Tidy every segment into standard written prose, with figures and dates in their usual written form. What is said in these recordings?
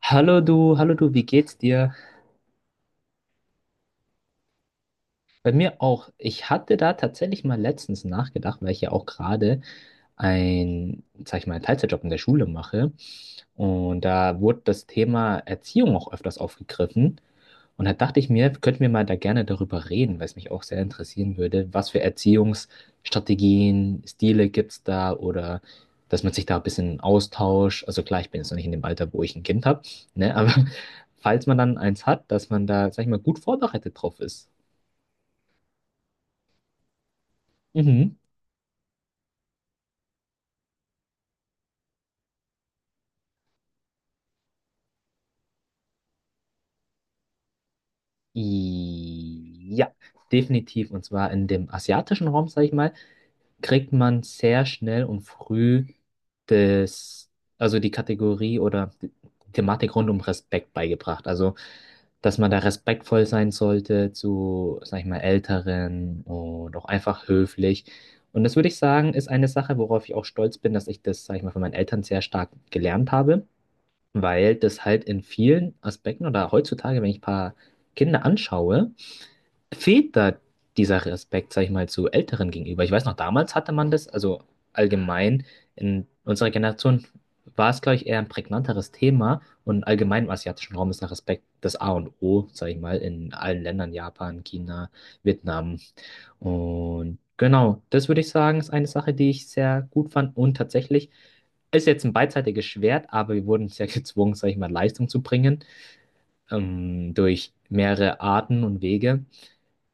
Hallo du, wie geht's dir? Bei mir auch. Ich hatte da tatsächlich mal letztens nachgedacht, weil ich ja auch gerade ein, sag ich mal, einen Teilzeitjob in der Schule mache. Und da wurde das Thema Erziehung auch öfters aufgegriffen. Und da dachte ich mir, könnten wir mal da gerne darüber reden, weil es mich auch sehr interessieren würde, was für Erziehungsstrategien, Stile gibt es da, oder dass man sich da ein bisschen austauscht. Also klar, ich bin jetzt noch nicht in dem Alter, wo ich ein Kind habe, ne? Aber falls man dann eins hat, dass man da, sag ich mal, gut vorbereitet drauf ist. Mhm. I Ja, definitiv. Und zwar in dem asiatischen Raum, sag ich mal, kriegt man sehr schnell und früh das, also die Kategorie oder die Thematik rund um Respekt beigebracht. Also, dass man da respektvoll sein sollte zu, sag ich mal, Älteren und auch einfach höflich. Und das würde ich sagen, ist eine Sache, worauf ich auch stolz bin, dass ich das, sag ich mal, von meinen Eltern sehr stark gelernt habe, weil das halt in vielen Aspekten oder heutzutage, wenn ich ein paar Kinder anschaue, fehlt da dieser Respekt, sag ich mal, zu Älteren gegenüber. Ich weiß noch, damals hatte man das, also allgemein in unserer Generation war es, glaube ich, eher ein prägnanteres Thema, und allgemein im asiatischen Raum ist der Respekt das A und O, sag ich mal, in allen Ländern, Japan, China, Vietnam, und genau, das würde ich sagen, ist eine Sache, die ich sehr gut fand. Und tatsächlich ist jetzt ein beidseitiges Schwert, aber wir wurden sehr gezwungen, sag ich mal, Leistung zu bringen, durch mehrere Arten und Wege,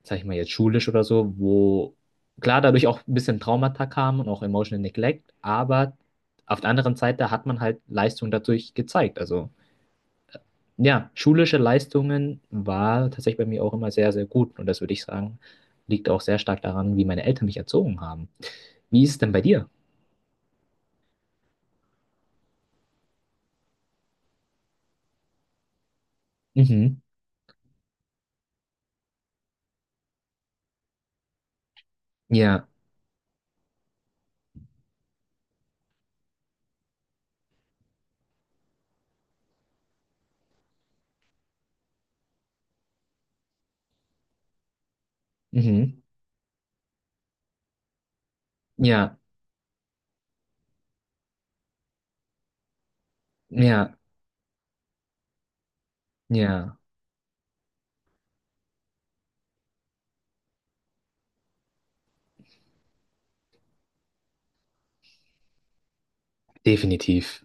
sag ich mal jetzt schulisch oder so, wo klar dadurch auch ein bisschen Traumata kamen und auch Emotional Neglect, aber auf der anderen Seite hat man halt Leistung dadurch gezeigt. Also ja, schulische Leistungen war tatsächlich bei mir auch immer sehr, sehr gut, und das würde ich sagen, liegt auch sehr stark daran, wie meine Eltern mich erzogen haben. Wie ist es denn bei dir? Mhm. Ja, mhm. Ja, ja, ja, definitiv.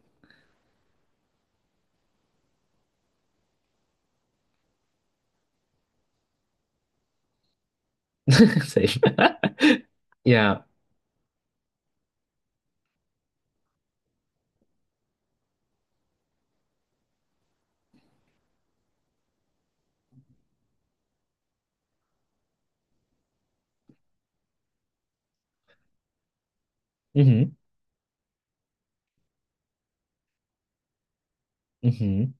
Safe. Ja, mhm, mhm,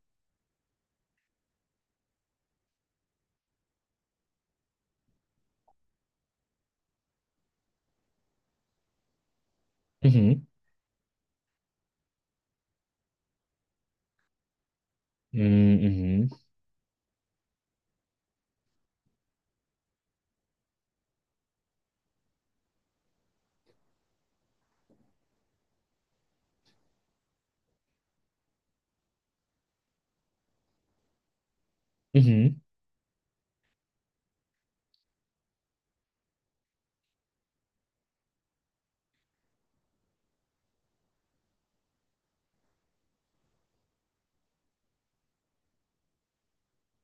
mhm, mhm, mhm. Mhm.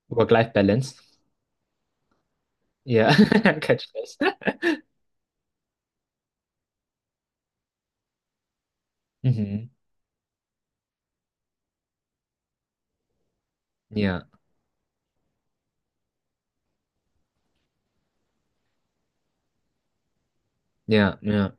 Work-Life-Balance. Ja, kein Stress. Mhm. Ja, ja, ja,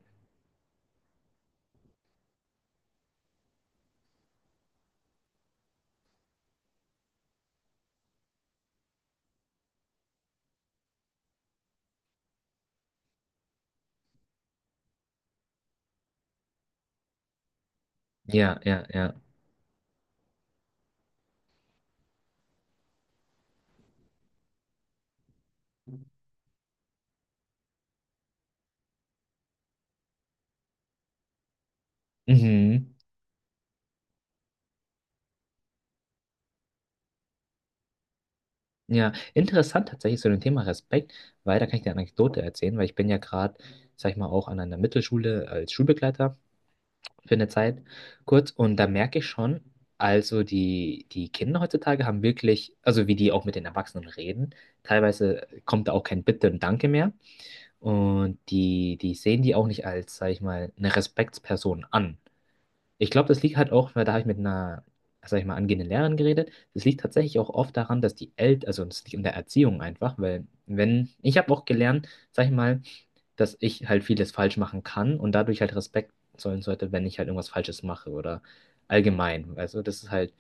ja, ja, ja. Mhm. Ja, interessant tatsächlich zu dem Thema Respekt, weil da kann ich dir eine Anekdote erzählen. Weil ich bin ja gerade, sag ich mal, auch an einer Mittelschule als Schulbegleiter für eine Zeit kurz, und da merke ich schon, also die Kinder heutzutage haben wirklich, also wie die auch mit den Erwachsenen reden, teilweise kommt da auch kein Bitte und Danke mehr. Und die, die sehen die auch nicht als, sag ich mal, eine Respektsperson an. Ich glaube, das liegt halt auch, weil da habe ich mit einer, sag ich mal, angehenden Lehrerin geredet. Das liegt tatsächlich auch oft daran, dass die Eltern, also das liegt in der Erziehung einfach, weil wenn, ich habe auch gelernt, sag ich mal, dass ich halt vieles falsch machen kann und dadurch halt Respekt zollen sollte, wenn ich halt irgendwas Falsches mache oder allgemein. Also das ist halt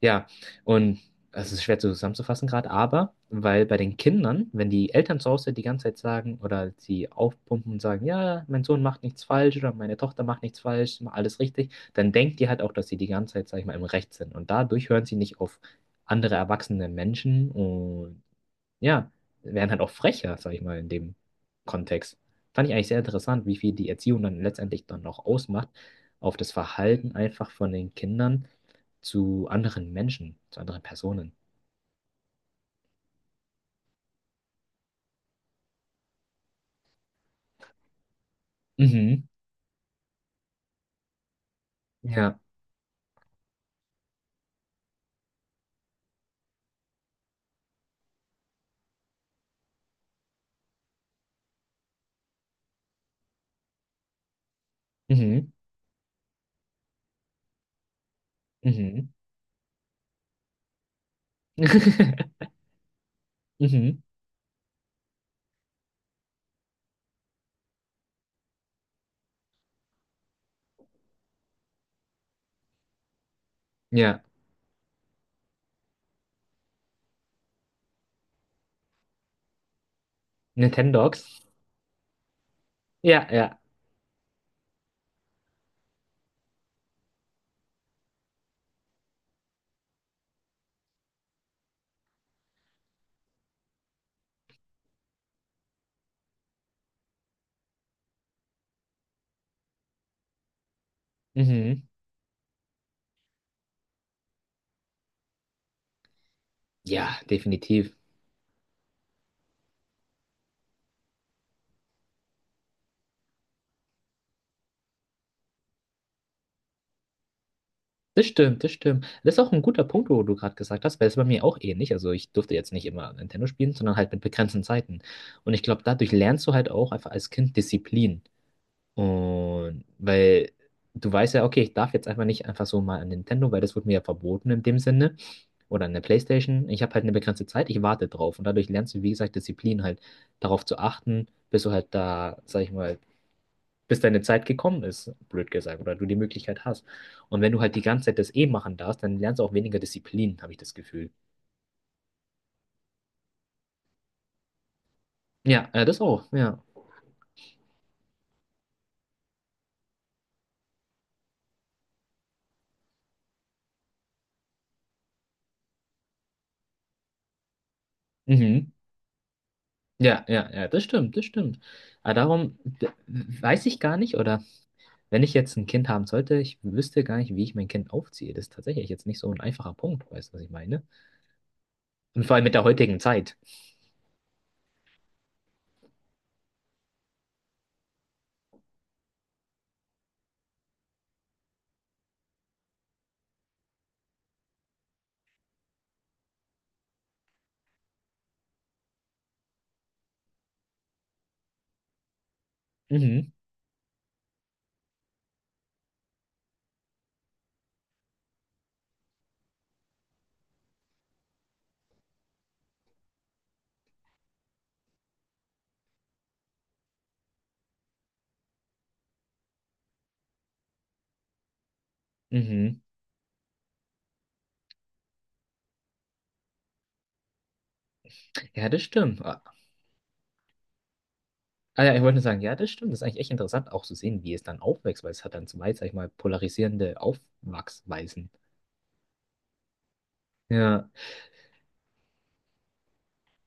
ja, und es ist schwer zusammenzufassen gerade, aber weil bei den Kindern, wenn die Eltern zu Hause die ganze Zeit sagen oder sie aufpumpen und sagen, ja, mein Sohn macht nichts falsch oder meine Tochter macht nichts falsch, macht alles richtig, dann denkt die halt auch, dass sie die ganze Zeit, sag ich mal, im Recht sind. Und dadurch hören sie nicht auf andere erwachsene Menschen, und ja, werden halt auch frecher, sag ich mal, in dem Kontext. Fand ich eigentlich sehr interessant, wie viel die Erziehung dann letztendlich dann noch ausmacht auf das Verhalten einfach von den Kindern zu anderen Menschen, zu anderen Personen. Mhm. Ja. Mhm. Mhm. Mhm. Ja. Nintendogs. Ja, ja. Mhm. Ja, definitiv. Das stimmt, das stimmt. Das ist auch ein guter Punkt, wo du gerade gesagt hast, weil es bei mir auch ähnlich. Also ich durfte jetzt nicht immer Nintendo spielen, sondern halt mit begrenzten Zeiten. Und ich glaube, dadurch lernst du halt auch einfach als Kind Disziplin. Und weil du weißt ja, okay, ich darf jetzt einfach nicht einfach so mal an Nintendo, weil das wurde mir ja verboten in dem Sinne. Oder an der PlayStation. Ich habe halt eine begrenzte Zeit, ich warte drauf. Und dadurch lernst du, wie gesagt, Disziplin halt darauf zu achten, bis du halt da, sag ich mal, bis deine Zeit gekommen ist, blöd gesagt, oder du die Möglichkeit hast. Und wenn du halt die ganze Zeit das eh machen darfst, dann lernst du auch weniger Disziplin, habe ich das Gefühl. Ja, das auch, ja. Mhm. Ja, ja, ja, das stimmt, das stimmt. Aber darum weiß ich gar nicht, oder wenn ich jetzt ein Kind haben sollte, ich wüsste gar nicht, wie ich mein Kind aufziehe. Das ist tatsächlich jetzt nicht so ein einfacher Punkt, weißt du, was ich meine? Und vor allem mit der heutigen Zeit. Mhm, mhm. Ja, das stimmt. Ah, ah ja, ich wollte nur sagen, ja, das stimmt. Das ist eigentlich echt interessant, auch zu sehen, wie es dann aufwächst, weil es hat dann zwei, sag ich mal, polarisierende Aufwachsweisen. Ja,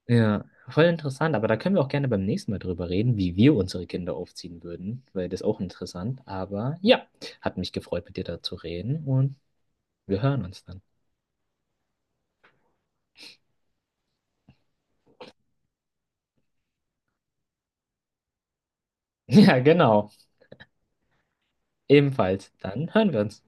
ja, voll interessant. Aber da können wir auch gerne beim nächsten Mal drüber reden, wie wir unsere Kinder aufziehen würden, weil das ist auch interessant. Aber ja, hat mich gefreut, mit dir da zu reden, und wir hören uns dann. Ja, genau. Ebenfalls. Dann hören wir uns.